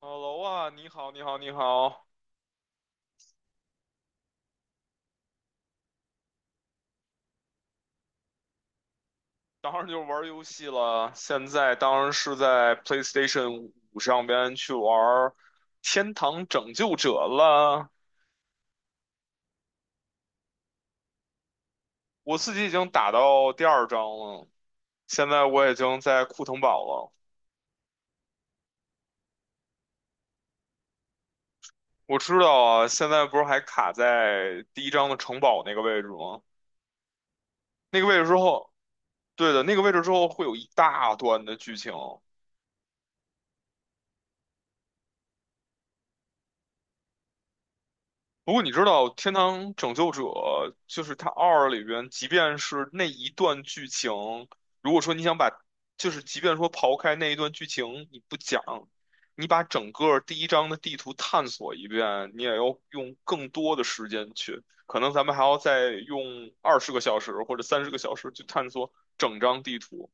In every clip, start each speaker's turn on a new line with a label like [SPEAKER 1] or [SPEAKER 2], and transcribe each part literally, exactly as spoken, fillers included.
[SPEAKER 1] Hello 啊，你好，你好，你好，当然就是玩游戏了。现在当然是在 PlayStation 五上边去玩天堂拯救者》了。我自己已经打到第二章了，现在我已经在库腾堡了。我知道啊，现在不是还卡在第一章的城堡那个位置吗？那个位置之后，对的，那个位置之后会有一大段的剧情。不过你知道《天堂拯救者》就是它二里边，即便是那一段剧情，如果说你想把，就是即便说刨开那一段剧情你不讲，你把整个第一章的地图探索一遍，你也要用更多的时间去，可能咱们还要再用二十个小时或者三十个小时去探索整张地图。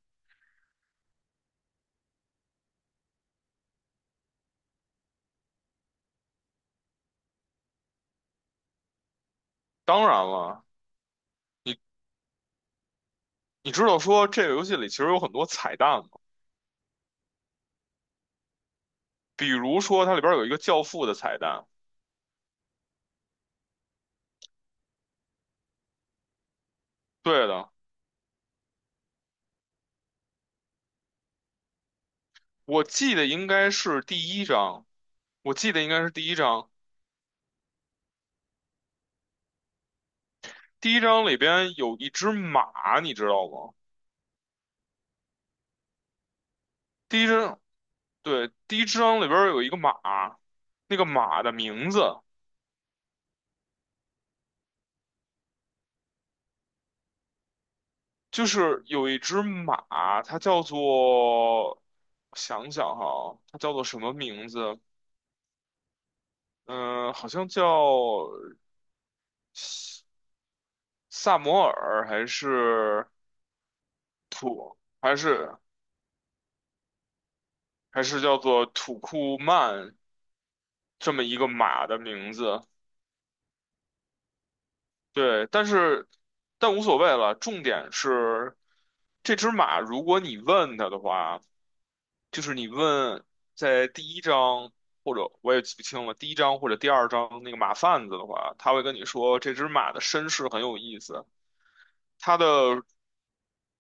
[SPEAKER 1] 当然了，你你知道说这个游戏里其实有很多彩蛋吗？比如说它里边有一个教父的彩蛋，对的。我记得应该是第一章，我记得应该是第一章。第一章里边有一只马，你知道吗？第一章，对，第一章里边有一个马，那个马的名字就是有一只马，它叫做，我想想哈，它叫做什么名字？嗯、好像叫萨摩尔还是土，还是还是叫做土库曼这么一个马的名字。对，但是但无所谓了。重点是这只马，如果你问它的话，就是你问在第一章或者我也记不清了，第一章或者第二章那个马贩子的话，他会跟你说这只马的身世很有意思，它的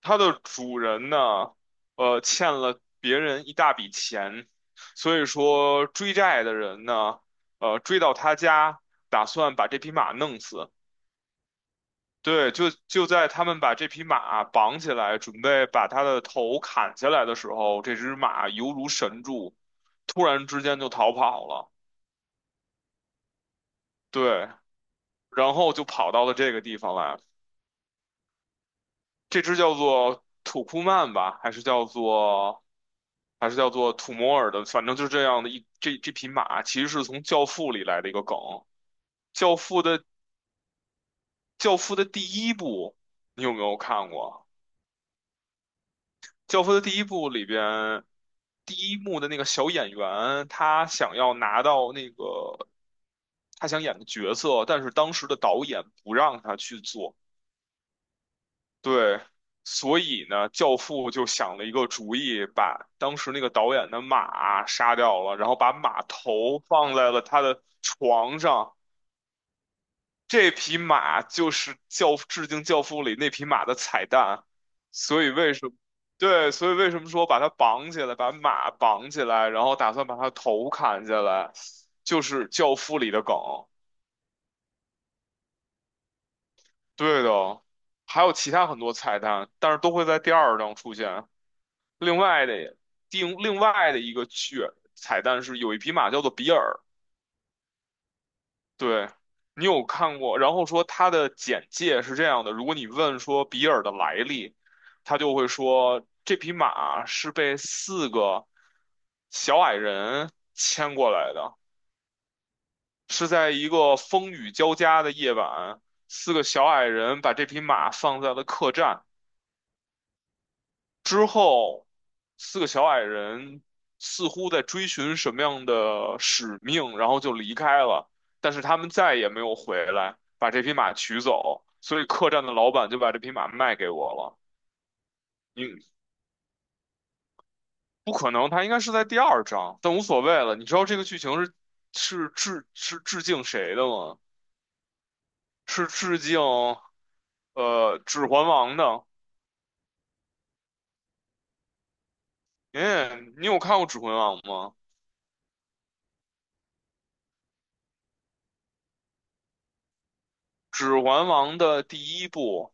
[SPEAKER 1] 它的主人呢，呃，欠了别人一大笔钱，所以说追债的人呢，呃，追到他家，打算把这匹马弄死。对，就就在他们把这匹马绑起来，准备把它的头砍下来的时候，这只马犹如神助，突然之间就逃跑了。对，然后就跑到了这个地方来。这只叫做土库曼吧，还是叫做还是叫做土摩尔的，反正就是这样的一这这匹马，其实是从《教父》里来的一个梗。《教父》的《教父》的第一部，你有没有看过？教父的第一部里边，第一幕的那个小演员，他想要拿到那个他想演的角色，但是当时的导演不让他去做。对，所以呢，教父就想了一个主意，把当时那个导演的马杀掉了，然后把马头放在了他的床上。这匹马就是教致敬《教父》里那匹马的彩蛋，所以为什么？对，所以为什么说把它绑起来，把马绑起来，然后打算把它头砍下来，就是《教父》里的梗。对的，还有其他很多彩蛋，但是都会在第二章出现。另外的，另另外的一个剧彩蛋是有一匹马叫做比尔，对，你有看过？然后说他的简介是这样的：如果你问说比尔的来历，他就会说这匹马是被四个小矮人牵过来的，是在一个风雨交加的夜晚，四个小矮人把这匹马放在了客栈。之后，四个小矮人似乎在追寻什么样的使命，然后就离开了。但是他们再也没有回来，把这匹马取走。所以客栈的老板就把这匹马卖给我了。你不可能，他应该是在第二章，但无所谓了。你知道这个剧情是是致是致敬谁的吗？是致敬呃《指环王》的。哎，你有看过《指环王》吗？《指环王》的第一部。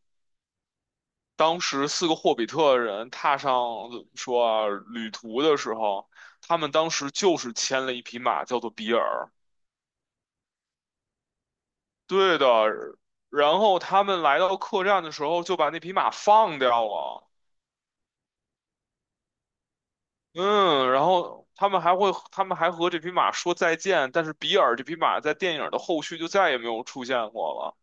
[SPEAKER 1] 当时四个霍比特人踏上怎么说啊旅途的时候，他们当时就是牵了一匹马，叫做比尔。对的，然后他们来到客栈的时候就把那匹马放掉了。嗯，然后他们还会，他们还和这匹马说再见，但是比尔这匹马在电影的后续就再也没有出现过了，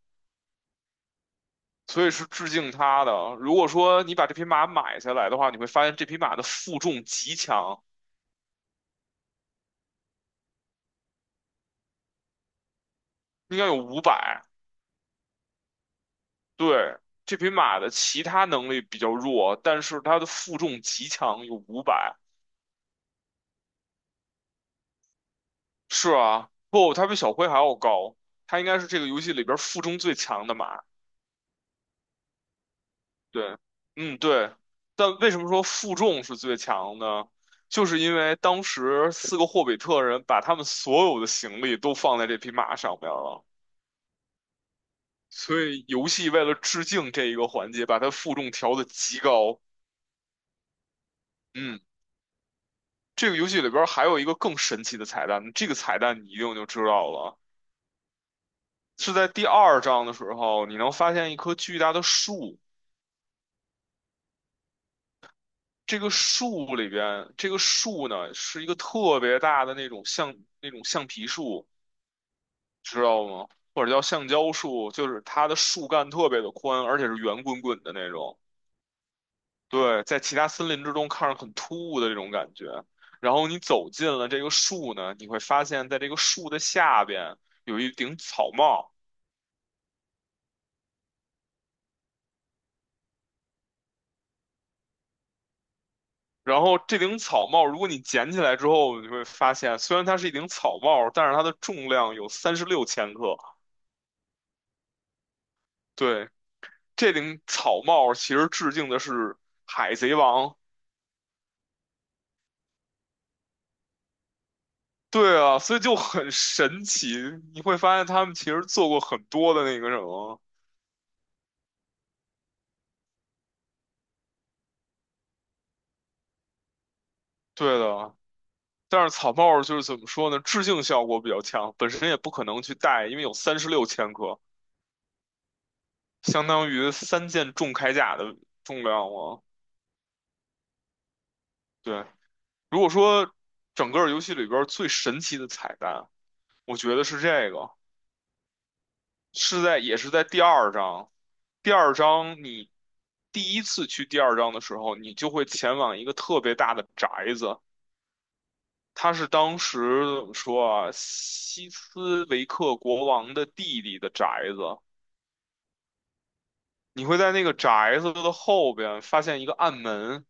[SPEAKER 1] 所以是致敬他的。如果说你把这匹马买下来的话，你会发现这匹马的负重极强，应该有五百。对，这匹马的其他能力比较弱，但是它的负重极强，有五百。是啊，不，它比小灰还要高，它应该是这个游戏里边负重最强的马。对，嗯，对。但为什么说负重是最强呢？就是因为当时四个霍比特人把他们所有的行李都放在这匹马上面了，所以游戏为了致敬这一个环节，把它负重调的极高。嗯。这个游戏里边还有一个更神奇的彩蛋，这个彩蛋你一定就知道了，是在第二章的时候，你能发现一棵巨大的树，这个树里边，这个树呢是一个特别大的那种橡那种橡皮树，知道吗？或者叫橡胶树，就是它的树干特别的宽，而且是圆滚滚的那种。对，在其他森林之中看着很突兀的这种感觉。然后你走进了这个树呢，你会发现在这个树的下边有一顶草帽。然后这顶草帽，如果你捡起来之后，你会发现，虽然它是一顶草帽，但是它的重量有三十六千克。对，这顶草帽其实致敬的是《海贼王》。对啊，所以就很神奇，你会发现他们其实做过很多的那个什么。对的，但是草帽就是怎么说呢，致敬效果比较强，本身也不可能去戴，因为有三十六千克，相当于三件重铠甲的重量了。对。如果说整个游戏里边最神奇的彩蛋，我觉得是这个，是在也是在第二章。第二章你第一次去第二章的时候，你就会前往一个特别大的宅子，它是当时怎么说啊，西斯维克国王的弟弟的宅子。你会在那个宅子的后边发现一个暗门，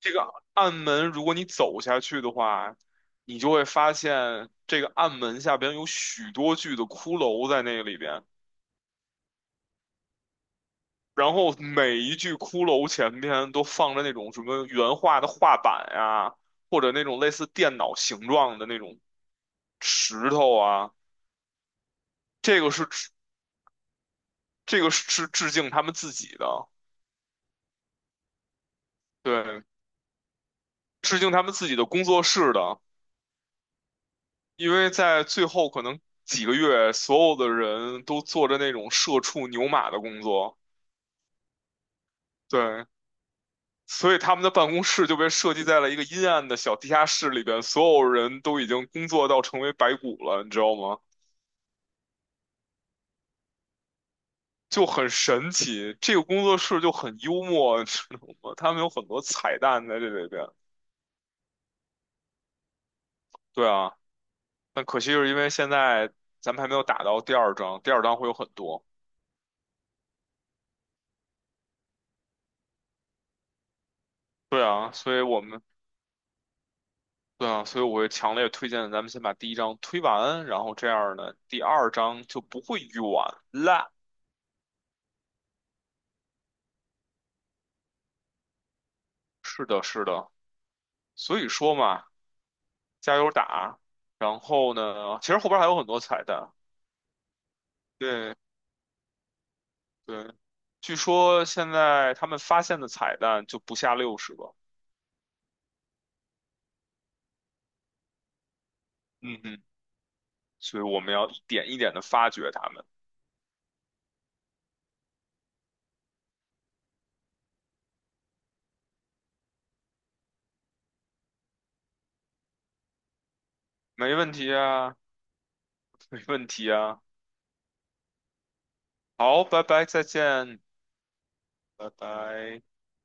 [SPEAKER 1] 这个暗门，如果你走下去的话，你就会发现这个暗门下边有许多具的骷髅在那里边，然后每一具骷髅前边都放着那种什么原画的画板呀、或者那种类似电脑形状的那种石头啊，这个是致这个是致敬他们自己的，对，致敬他们自己的工作室的。因为在最后可能几个月，所有的人都做着那种社畜牛马的工作，对，所以他们的办公室就被设计在了一个阴暗的小地下室里边，所有人都已经工作到成为白骨了，你知道吗？就很神奇，这个工作室就很幽默，你知道吗？他们有很多彩蛋在这里边。对啊，但可惜是因为现在咱们还没有打到第二章，第二章会有很多。对啊，所以我们对啊，所以我会强烈推荐咱们先把第一章推完，然后这样呢，第二章就不会远了。是的，是的，所以说嘛。加油打。然后呢，其实后边还有很多彩蛋。对对，据说现在他们发现的彩蛋就不下六十个。嗯嗯，所以我们要一点一点的发掘他们。没问题啊，没问题啊。好，拜拜，再见，拜拜。